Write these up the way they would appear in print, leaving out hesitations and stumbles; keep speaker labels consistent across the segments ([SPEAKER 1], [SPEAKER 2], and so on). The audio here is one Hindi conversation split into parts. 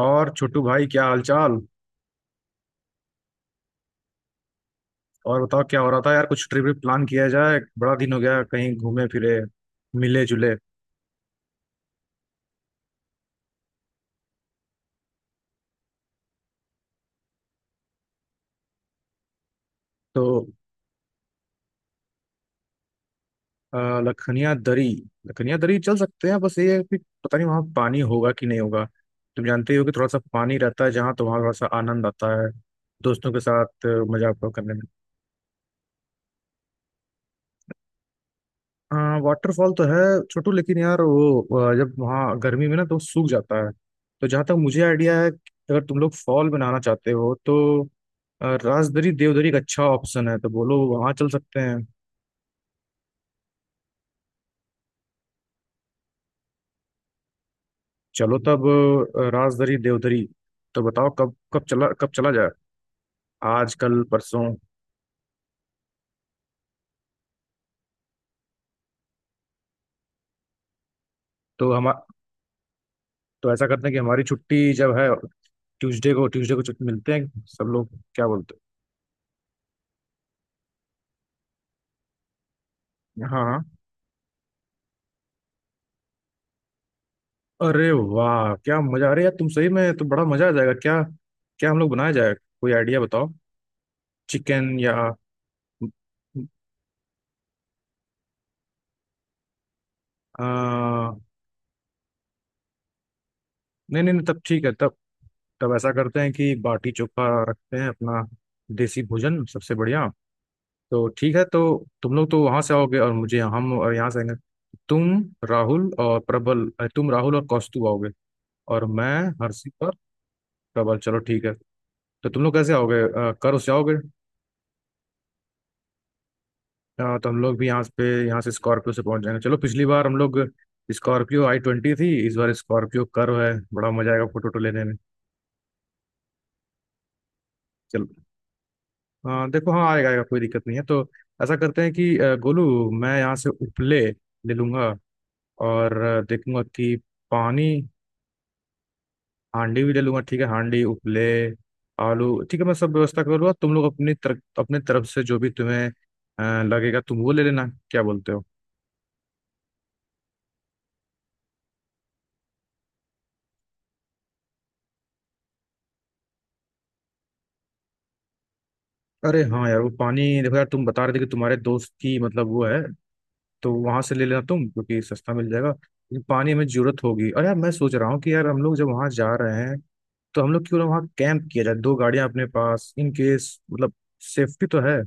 [SPEAKER 1] और छोटू भाई क्या हालचाल? और बताओ क्या हो रहा था यार, कुछ ट्रिप व्रिप प्लान किया जाए। बड़ा दिन हो गया कहीं घूमे फिरे मिले जुले। तो लखनिया दरी। लखनिया दरी चल सकते हैं, बस ये है कि पता नहीं वहाँ पानी होगा कि नहीं होगा। तुम जानते ही हो कि थोड़ा सा पानी रहता है जहाँ तो वहाँ थोड़ा सा आनंद आता है दोस्तों के साथ मजा आपको करने में। हाँ, वाटरफॉल तो है छोटू, लेकिन यार वो जब वहाँ गर्मी में ना तो सूख जाता है। तो जहाँ तक मुझे आइडिया है, अगर तुम लोग फॉल बनाना चाहते हो तो राजदरी देवदरी एक अच्छा ऑप्शन है, तो बोलो वहाँ चल सकते हैं। चलो तब, राजदरी देवदरी। तो बताओ कब कब चला जाए? आज, कल, परसों? तो हम तो ऐसा करते हैं कि हमारी छुट्टी जब है, ट्यूसडे को छुट्टी मिलते हैं सब लोग, क्या बोलते हैं? हाँ, अरे वाह क्या मजा आ रहा है यार, तुम सही में तो बड़ा मजा आ जाएगा। क्या, क्या हम लोग बनाया जाए? कोई आइडिया बताओ, चिकन या? नहीं नहीं नहीं, तब ठीक है तब। तब ऐसा करते हैं कि बाटी चोखा रखते हैं अपना, देसी भोजन सबसे बढ़िया। तो ठीक है तो। तुम लोग तो वहां से आओगे और मुझे, हम और यहाँ से आएंगे। तुम राहुल और प्रबल, तुम राहुल और कौस्तु आओगे, और मैं, हर्षित और प्रबल। चलो ठीक है। तो तुम लोग कैसे आओगे, कर से आओगे? हाँ, तो हम लोग भी यहाँ पे, यहाँ से स्कॉर्पियो से पहुंच जाएंगे। चलो, पिछली बार हम लोग स्कॉर्पियो i20 थी, इस बार स्कॉर्पियो कर्व है, बड़ा मजा आएगा फोटो वोटो लेने में। चलो हाँ, देखो, हाँ आएगा आएगा कोई दिक्कत नहीं है। तो ऐसा करते हैं कि गोलू, मैं यहाँ से उपले ले लूंगा और देखूंगा कि पानी, हांडी भी ले लूंगा, ठीक है, हांडी, उपले, आलू, ठीक है, मैं सब व्यवस्था कर लूंगा। तुम लोग अपनी तरफ, अपने तरफ से जो भी तुम्हें लगेगा तुम वो ले लेना, क्या बोलते हो? अरे हाँ यार, वो पानी, देखो यार तुम बता रहे थे कि तुम्हारे दोस्त की, मतलब वो है, तो वहां से ले लेना तुम क्योंकि सस्ता मिल जाएगा, लेकिन पानी हमें जरूरत होगी। और यार मैं सोच रहा हूँ कि यार हम लोग जब वहां जा रहे हैं तो हम लोग क्यों ना वहाँ कैंप किया जाए, दो गाड़ियां अपने पास, इन केस, मतलब सेफ्टी तो है।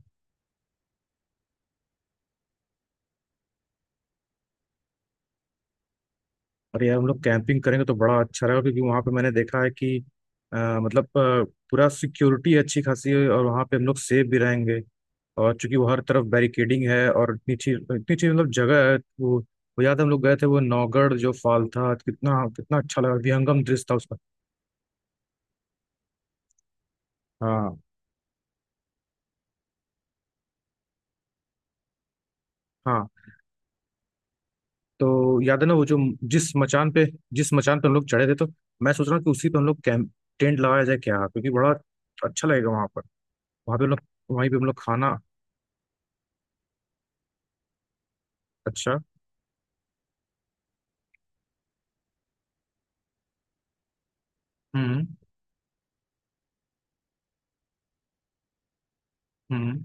[SPEAKER 1] और यार हम लोग कैंपिंग करेंगे तो बड़ा अच्छा रहेगा, क्योंकि वहाँ पे मैंने देखा है कि अ, मतलब अ, पूरा सिक्योरिटी अच्छी खासी है और वहाँ पे हम लोग सेफ भी रहेंगे। और चूंकि वो हर तरफ बैरिकेडिंग है, और इतनी अच्छी मतलब जगह है वो याद है हम लोग गए थे, वो नौगढ़ जो फॉल था, कितना कितना अच्छा लगा, विहंगम दृश्य था उसका। हाँ हाँ। तो याद है ना वो जो, जिस मचान पे जिस मचान पे हम लोग चढ़े थे, तो मैं सोच रहा हूँ कि उसी पे हम लोग कैंप, टेंट लगाया जाए क्या? क्योंकि बड़ा अच्छा लगेगा वहां पर, वहां पे हम लोग, वहीं पे हम लोग खाना, अच्छा। हम्म। हम्म।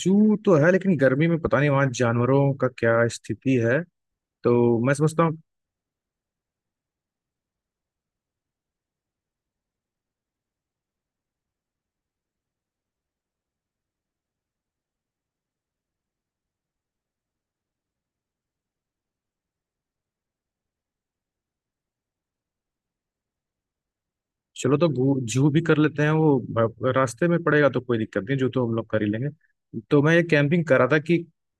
[SPEAKER 1] जू तो है लेकिन गर्मी में पता नहीं वहाँ जानवरों का क्या स्थिति है, तो मैं समझता हूँ। चलो तो जू भी कर लेते हैं, वो रास्ते में पड़ेगा तो कोई दिक्कत नहीं, जो तो हम लोग कर ही लेंगे। तो मैं ये कैंपिंग कर रहा था कि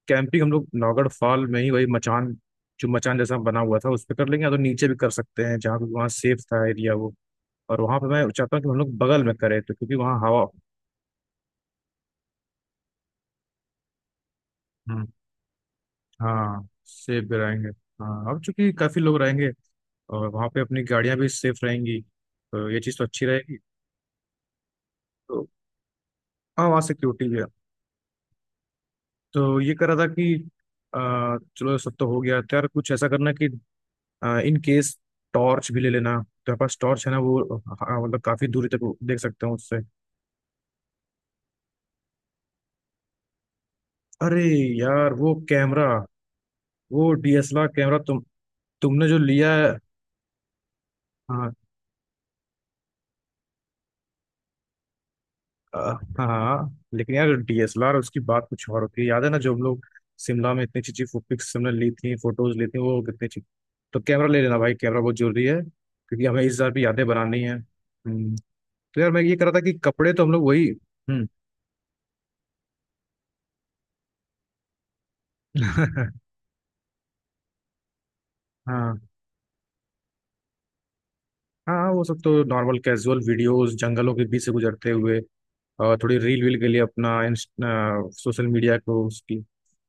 [SPEAKER 1] कैंपिंग हम लोग नौगढ़ फॉल में ही, वही मचान जो मचान जैसा बना हुआ था उस पर कर लेंगे, या तो नीचे भी कर सकते हैं जहाँ वहाँ सेफ था एरिया वो। और वहाँ पे मैं चाहता हूँ कि हम लोग बगल में करें तो, क्योंकि वहाँ हवा, हाँ सेफ भी रहेंगे। हाँ, अब चूंकि काफी लोग रहेंगे और वहाँ पे अपनी गाड़ियाँ भी सेफ रहेंगी, तो ये चीज़ तो अच्छी रहेगी। तो हाँ, वहाँ सिक्योरिटी भी है। तो ये कह रहा था कि चलो, सब तो हो गया, तो यार कुछ ऐसा करना कि इन केस टॉर्च भी ले लेना, तो पास टॉर्च है ना वो, हाँ, मतलब काफी दूरी तक वो देख सकते हैं उससे। अरे यार वो कैमरा, वो डीएसएलआर कैमरा तुम, तुमने जो लिया है, हाँ। हाँ, लेकिन यार डीएसएलआर उसकी बात कुछ और होती है, याद है ना जो हम लोग शिमला में इतनी अच्छी अच्छी पिक्स हमने ली थी, फोटोज ली थी, वो कितनी अच्छी। तो कैमरा ले लेना भाई, कैमरा बहुत जरूरी है, क्योंकि हमें इस बार भी यादें बनानी है। हम्म। तो यार मैं ये कह रहा था कि कपड़े तो हम लोग वही, हम्म। हाँ, हाँ वो सब तो नॉर्मल कैजुअल वीडियोस जंगलों के बीच से गुजरते हुए, और थोड़ी रील वील के लिए अपना सोशल मीडिया को उसकी,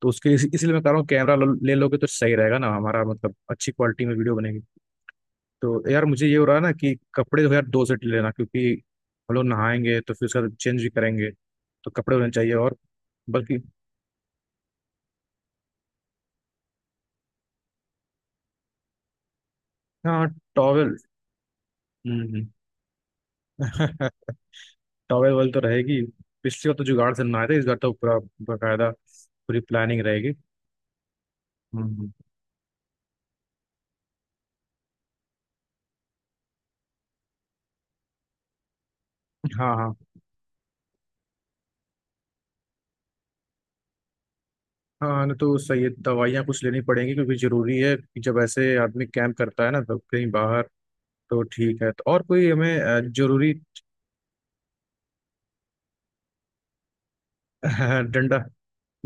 [SPEAKER 1] तो उसके इसलिए मैं कह रहा हूँ कैमरा ले लोगे तो सही रहेगा ना हमारा, मतलब अच्छी क्वालिटी में वीडियो। तो यार मुझे ये हो रहा है ना कि कपड़े जो है यार, दो सेट लेना, क्योंकि हम लोग नहाएंगे तो फिर उसका चेंज भी करेंगे, तो कपड़े होने चाहिए। और बल्कि, हाँ टॉवेल। टॉवेल वेल तो रहेगी। पिछली बार तो जुगाड़ से नहाए थे, इस बार तो पूरा बाकायदा पूरी प्लानिंग रहेगी। हम्म। हाँ हाँ हाँ ना, तो सही है, दवाइयाँ कुछ लेनी पड़ेंगी क्योंकि जरूरी है कि जब ऐसे आदमी कैंप करता है ना तो कहीं बाहर। तो ठीक है तो और कोई हमें जरूरी। डंडा,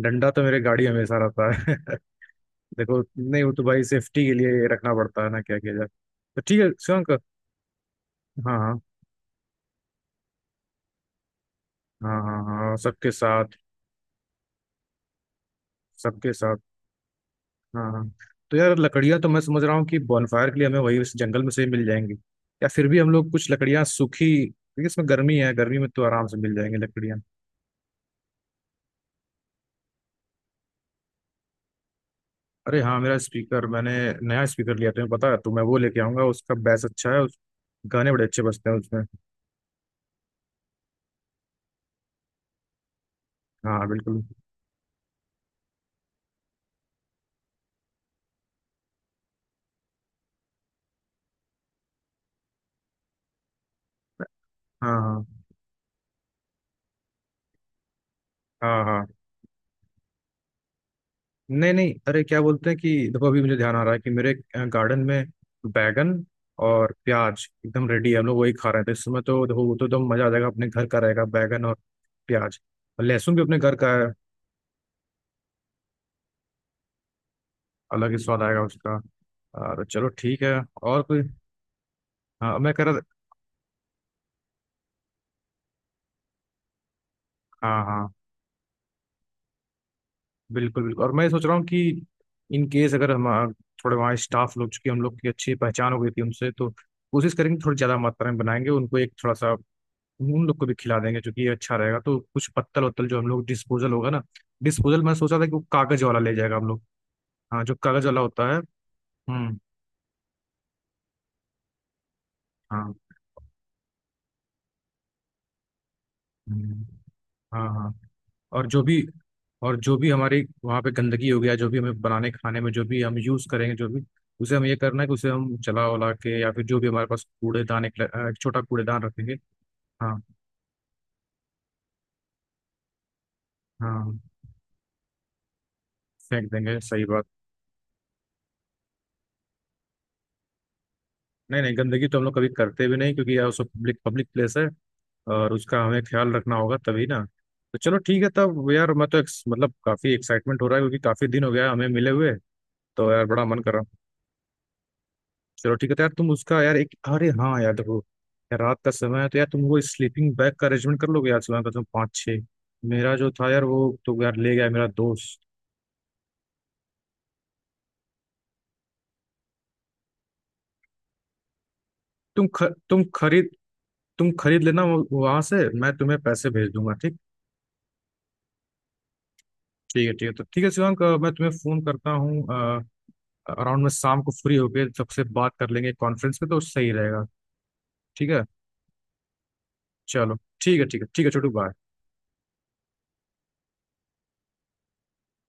[SPEAKER 1] डंडा तो मेरे गाड़ी में हमेशा रहता है। देखो, नहीं वो तो भाई सेफ्टी के लिए रखना पड़ता है ना, क्या किया जाए। तो ठीक है शिवांक। हाँ हाँ हाँ। हाँ हाँ सबके साथ। सबके साथ। हाँ हाँ। तो यार लकड़ियाँ तो मैं समझ रहा हूँ कि बॉनफायर के लिए हमें वही उस जंगल में से ही मिल जाएंगी, या फिर भी हम लोग कुछ लकड़ियाँ सूखी, क्योंकि इसमें गर्मी है, गर्मी में तो आराम से मिल जाएंगी लकड़ियाँ। अरे हाँ मेरा स्पीकर, मैंने नया स्पीकर लिया तुम्हें पता है, तो मैं वो लेके आऊंगा, उसका बेस अच्छा है उस, गाने बड़े अच्छे बजते हैं उसमें। हाँ बिल्कुल। हाँ हाँ हाँ हाँ। नहीं नहीं अरे, क्या बोलते हैं कि देखो अभी मुझे ध्यान आ रहा है कि मेरे गार्डन में बैगन और प्याज एकदम रेडी है, हम लोग वही खा रहे थे इस समय, तो देखो वो तो एकदम मजा आ जाएगा, अपने घर का रहेगा बैगन और प्याज, और लहसुन भी अपने घर का है, अलग ही स्वाद आएगा उसका। और चलो ठीक है। और कोई, हाँ मैं कह रहा था, हाँ हाँ बिल्कुल बिल्कुल। और मैं सोच रहा हूँ कि इन केस अगर हम थोड़े वहाँ स्टाफ लोग, चूंकि हम लोग की अच्छी पहचान हो गई थी उनसे, तो कोशिश करेंगे थोड़ी ज़्यादा मात्रा में बनाएंगे, उनको एक थोड़ा सा उन लोग को भी खिला देंगे क्योंकि ये अच्छा रहेगा, तो कुछ पत्तल वत्तल जो हम लोग, डिस्पोजल होगा ना, डिस्पोजल मैं सोचा था कि वो कागज वाला ले जाएगा हम लोग, हाँ जो कागज वाला होता है। हम्म। हाँ। हम्म, हाँ हाँ। और जो भी और जो भी हमारी वहाँ पे गंदगी हो गया, जो भी हमें बनाने खाने में जो भी हम यूज़ करेंगे जो भी, उसे हम ये करना है कि उसे हम जला वला के, या फिर जो भी हमारे पास कूड़ेदान, एक छोटा कूड़ेदान रखेंगे। हाँ हाँ, फेंक देंगे, सही बात। नहीं नहीं, गंदगी तो हम लोग कभी करते भी नहीं, क्योंकि यार सब पब्लिक पब्लिक प्लेस है, और उसका हमें ख्याल रखना होगा तभी ना। तो चलो ठीक है तब यार, मैं तो मतलब काफी एक्साइटमेंट हो रहा है क्योंकि काफी दिन हो गया हमें मिले हुए। तो यार बड़ा मन कर रहा हूँ। चलो ठीक है, तो यार तुम उसका यार एक, अरे हाँ यार देखो, यार रात का समय है तो यार तुम वो स्लीपिंग बैग का अरेंजमेंट कर लोगे यार, सुबह का तुम 5-6, मेरा जो था यार वो तो यार ले गया मेरा दोस्त। तुम ख, तुम खरीद तुम खरीद लेना वहाँ से, मैं तुम्हें पैसे भेज दूंगा, ठीक। ठीक है ठीक है, तो ठीक है शिवांक, मैं तुम्हें फोन करता हूँ अराउंड में शाम को, फ्री होके सबसे बात कर लेंगे, कॉन्फ्रेंस पे तो सही रहेगा। ठीक है। चलो। ठीक है ठीक है ठीक है छोटू बाय।